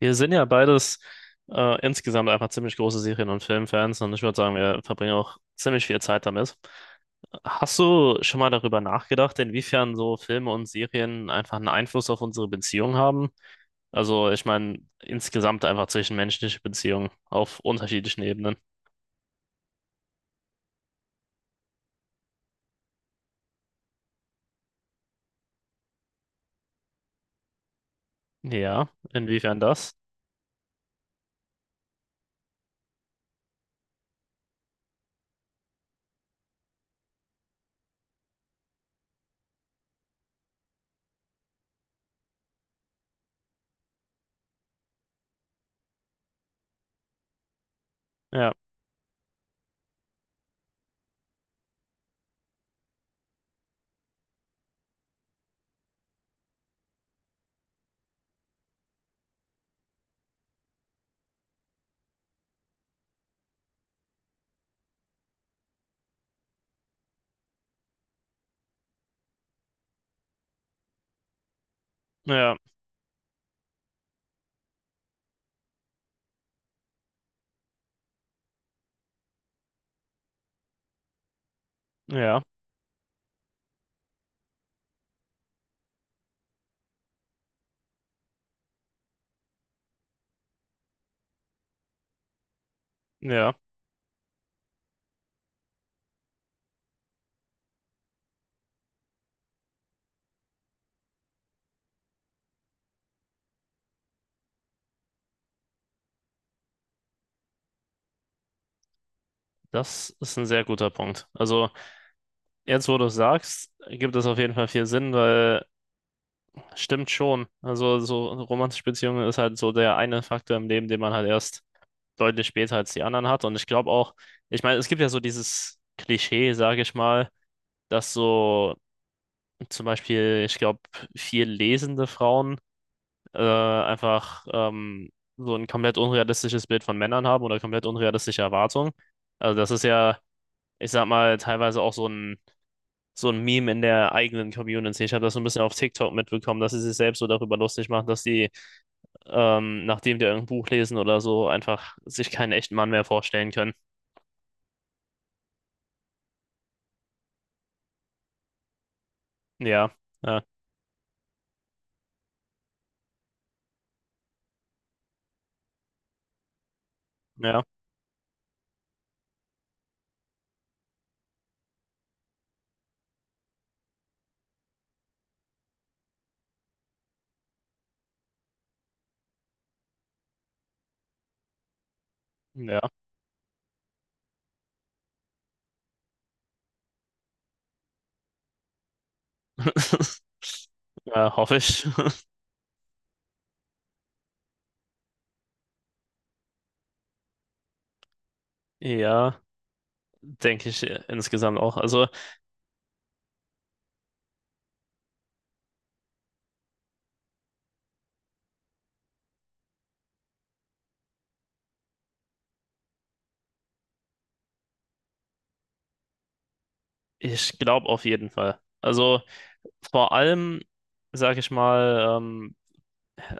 Wir sind ja beides insgesamt einfach ziemlich große Serien- und Filmfans und ich würde sagen, wir verbringen auch ziemlich viel Zeit damit. Hast du schon mal darüber nachgedacht, inwiefern so Filme und Serien einfach einen Einfluss auf unsere Beziehung haben? Also, ich meine, insgesamt einfach zwischenmenschliche Beziehungen auf unterschiedlichen Ebenen. Ja, inwiefern das? Ja, ja, ja, ja. Das ist ein sehr guter Punkt. Also, jetzt, wo du es sagst, gibt es auf jeden Fall viel Sinn, weil stimmt schon. Also so romantische Beziehungen ist halt so der eine Faktor im Leben, den man halt erst deutlich später als die anderen hat. Und ich glaube auch, ich meine, es gibt ja so dieses Klischee, sage ich mal, dass so zum Beispiel, ich glaube, viel lesende Frauen einfach so ein komplett unrealistisches Bild von Männern haben oder komplett unrealistische Erwartungen. Also das ist ja, ich sag mal, teilweise auch so ein Meme in der eigenen Community. Ich habe das so ein bisschen auf TikTok mitbekommen, dass sie sich selbst so darüber lustig machen, dass die nachdem die irgendein Buch lesen oder so, einfach sich keinen echten Mann mehr vorstellen können. Ja, ja, ja, ja. Ja, hoffe ich. Ja, denke ich insgesamt auch. Also, ich glaube auf jeden Fall. Also, vor allem, sage ich mal,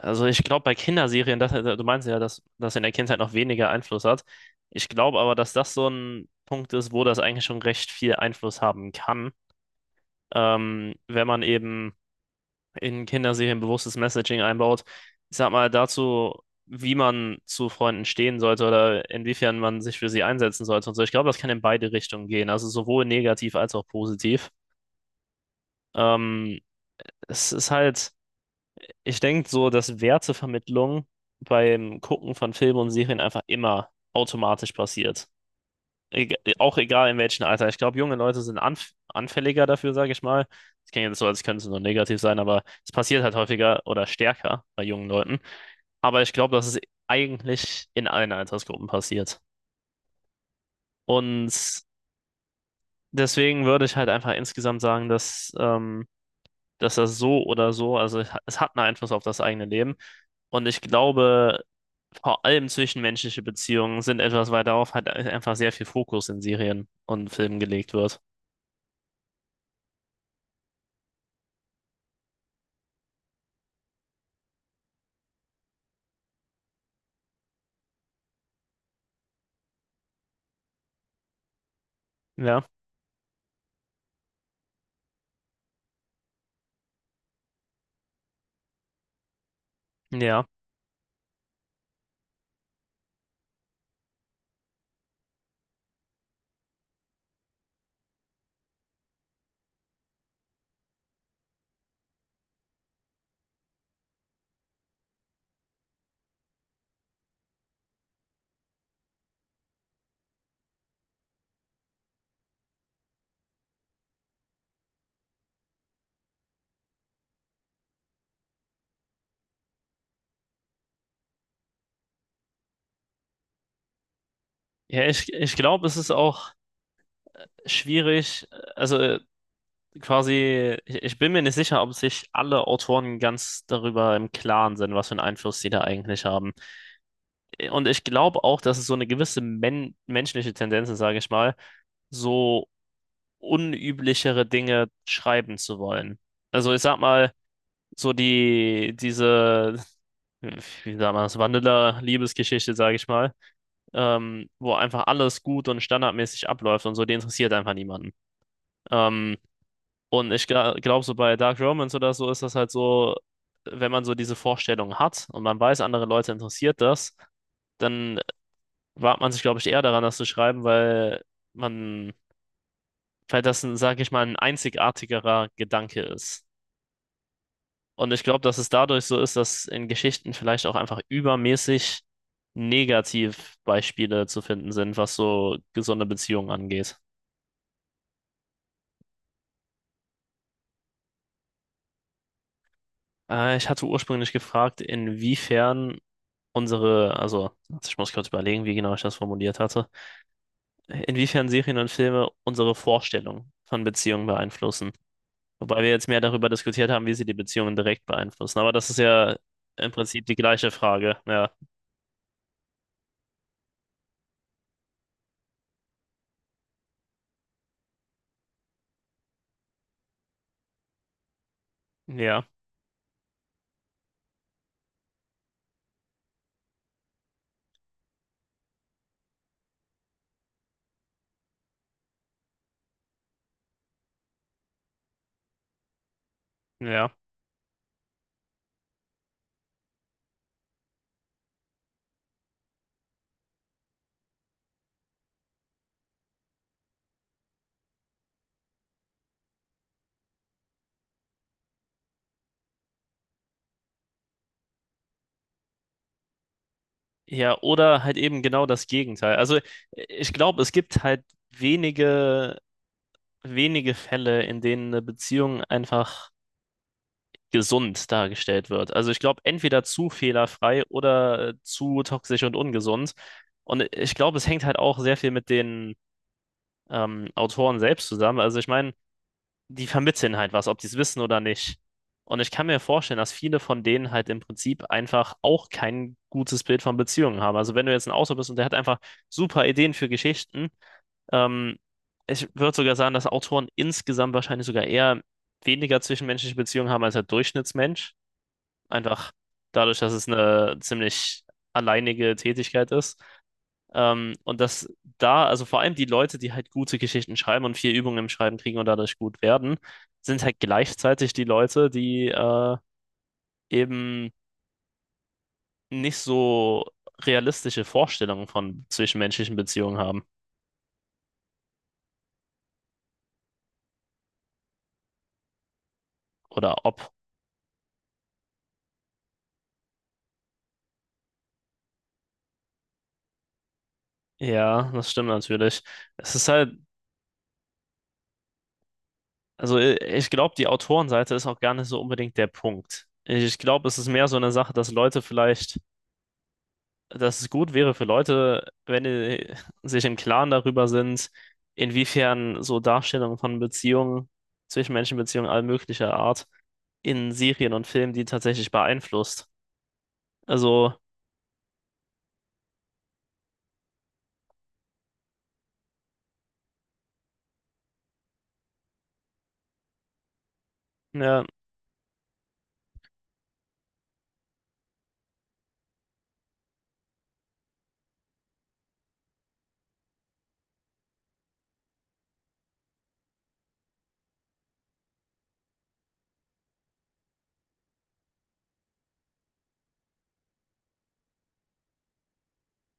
also ich glaube bei Kinderserien, das, du meinst ja, dass das in der Kindheit noch weniger Einfluss hat. Ich glaube aber, dass das so ein Punkt ist, wo das eigentlich schon recht viel Einfluss haben kann, wenn man eben in Kinderserien bewusstes Messaging einbaut. Ich sag mal dazu, wie man zu Freunden stehen sollte oder inwiefern man sich für sie einsetzen sollte und so. Ich glaube, das kann in beide Richtungen gehen, also sowohl negativ als auch positiv. Ähm, es ist halt, ich denke so, dass Wertevermittlung beim Gucken von Filmen und Serien einfach immer automatisch passiert. Auch egal in welchem Alter. Ich glaube, junge Leute sind anfälliger dafür, sage ich mal. Das klingt jetzt so, als könnte es nur negativ sein, aber es passiert halt häufiger oder stärker bei jungen Leuten. Aber ich glaube, dass es eigentlich in allen Altersgruppen passiert. Und deswegen würde ich halt einfach insgesamt sagen, dass, dass das so oder so, also es hat einen Einfluss auf das eigene Leben. Und ich glaube, vor allem zwischenmenschliche Beziehungen sind etwas, weil darauf halt einfach sehr viel Fokus in Serien und Filmen gelegt wird. Ja. Ja, ja, ich glaube, es ist auch schwierig, also quasi, ich bin mir nicht sicher, ob sich alle Autoren ganz darüber im Klaren sind, was für einen Einfluss sie da eigentlich haben. Und ich glaube auch, dass es so eine gewisse menschliche Tendenz ist, sage ich mal, so unüblichere Dinge schreiben zu wollen. Also ich sag mal, so wie sagt man das, Vanilla-Liebesgeschichte, sage ich mal, wo einfach alles gut und standardmäßig abläuft und so, die interessiert einfach niemanden. Ähm, und ich glaube, so bei Dark Romance oder so ist das halt so, wenn man so diese Vorstellung hat und man weiß, andere Leute interessiert das, dann wagt man sich, glaube ich, eher daran, das zu schreiben, weil man, weil das, ein, sag ich mal, ein einzigartigerer Gedanke ist. Und ich glaube, dass es dadurch so ist, dass in Geschichten vielleicht auch einfach übermäßig Negativbeispiele zu finden sind, was so gesunde Beziehungen angeht. Ich hatte ursprünglich gefragt, inwiefern unsere, also ich muss kurz überlegen, wie genau ich das formuliert hatte, inwiefern Serien und Filme unsere Vorstellung von Beziehungen beeinflussen. Wobei wir jetzt mehr darüber diskutiert haben, wie sie die Beziehungen direkt beeinflussen. Aber das ist ja im Prinzip die gleiche Frage. Ja, ja, ja. Ja, oder halt eben genau das Gegenteil. Also ich glaube, es gibt halt wenige, wenige Fälle, in denen eine Beziehung einfach gesund dargestellt wird. Also ich glaube, entweder zu fehlerfrei oder zu toxisch und ungesund. Und ich glaube, es hängt halt auch sehr viel mit den Autoren selbst zusammen. Also ich meine, die vermitteln halt was, ob die es wissen oder nicht. Und ich kann mir vorstellen, dass viele von denen halt im Prinzip einfach auch kein gutes Bild von Beziehungen haben. Also wenn du jetzt ein Autor bist und der hat einfach super Ideen für Geschichten, ähm, ich würde sogar sagen, dass Autoren insgesamt wahrscheinlich sogar eher weniger zwischenmenschliche Beziehungen haben als der Durchschnittsmensch. Einfach dadurch, dass es eine ziemlich alleinige Tätigkeit ist. Und dass da, also vor allem die Leute, die halt gute Geschichten schreiben und viel Übung im Schreiben kriegen und dadurch gut werden, sind halt gleichzeitig die Leute, die eben nicht so realistische Vorstellungen von zwischenmenschlichen Beziehungen haben. Oder ob. Ja, das stimmt natürlich. Es ist halt, also ich glaube, die Autorenseite ist auch gar nicht so unbedingt der Punkt. Ich glaube, es ist mehr so eine Sache, dass Leute vielleicht dass es gut wäre für Leute, wenn die sich im Klaren darüber sind, inwiefern so Darstellungen von Beziehungen, Zwischenmenschenbeziehungen all möglicher Art in Serien und Filmen die tatsächlich beeinflusst. Also, ja,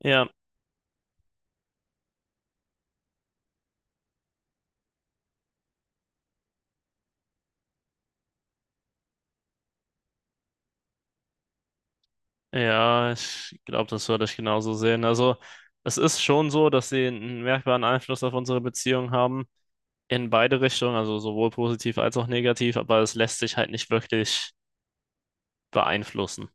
ja, ja, ich glaube, das würde ich genauso sehen. Also, es ist schon so, dass sie einen merkbaren Einfluss auf unsere Beziehung haben, in beide Richtungen, also sowohl positiv als auch negativ, aber es lässt sich halt nicht wirklich beeinflussen.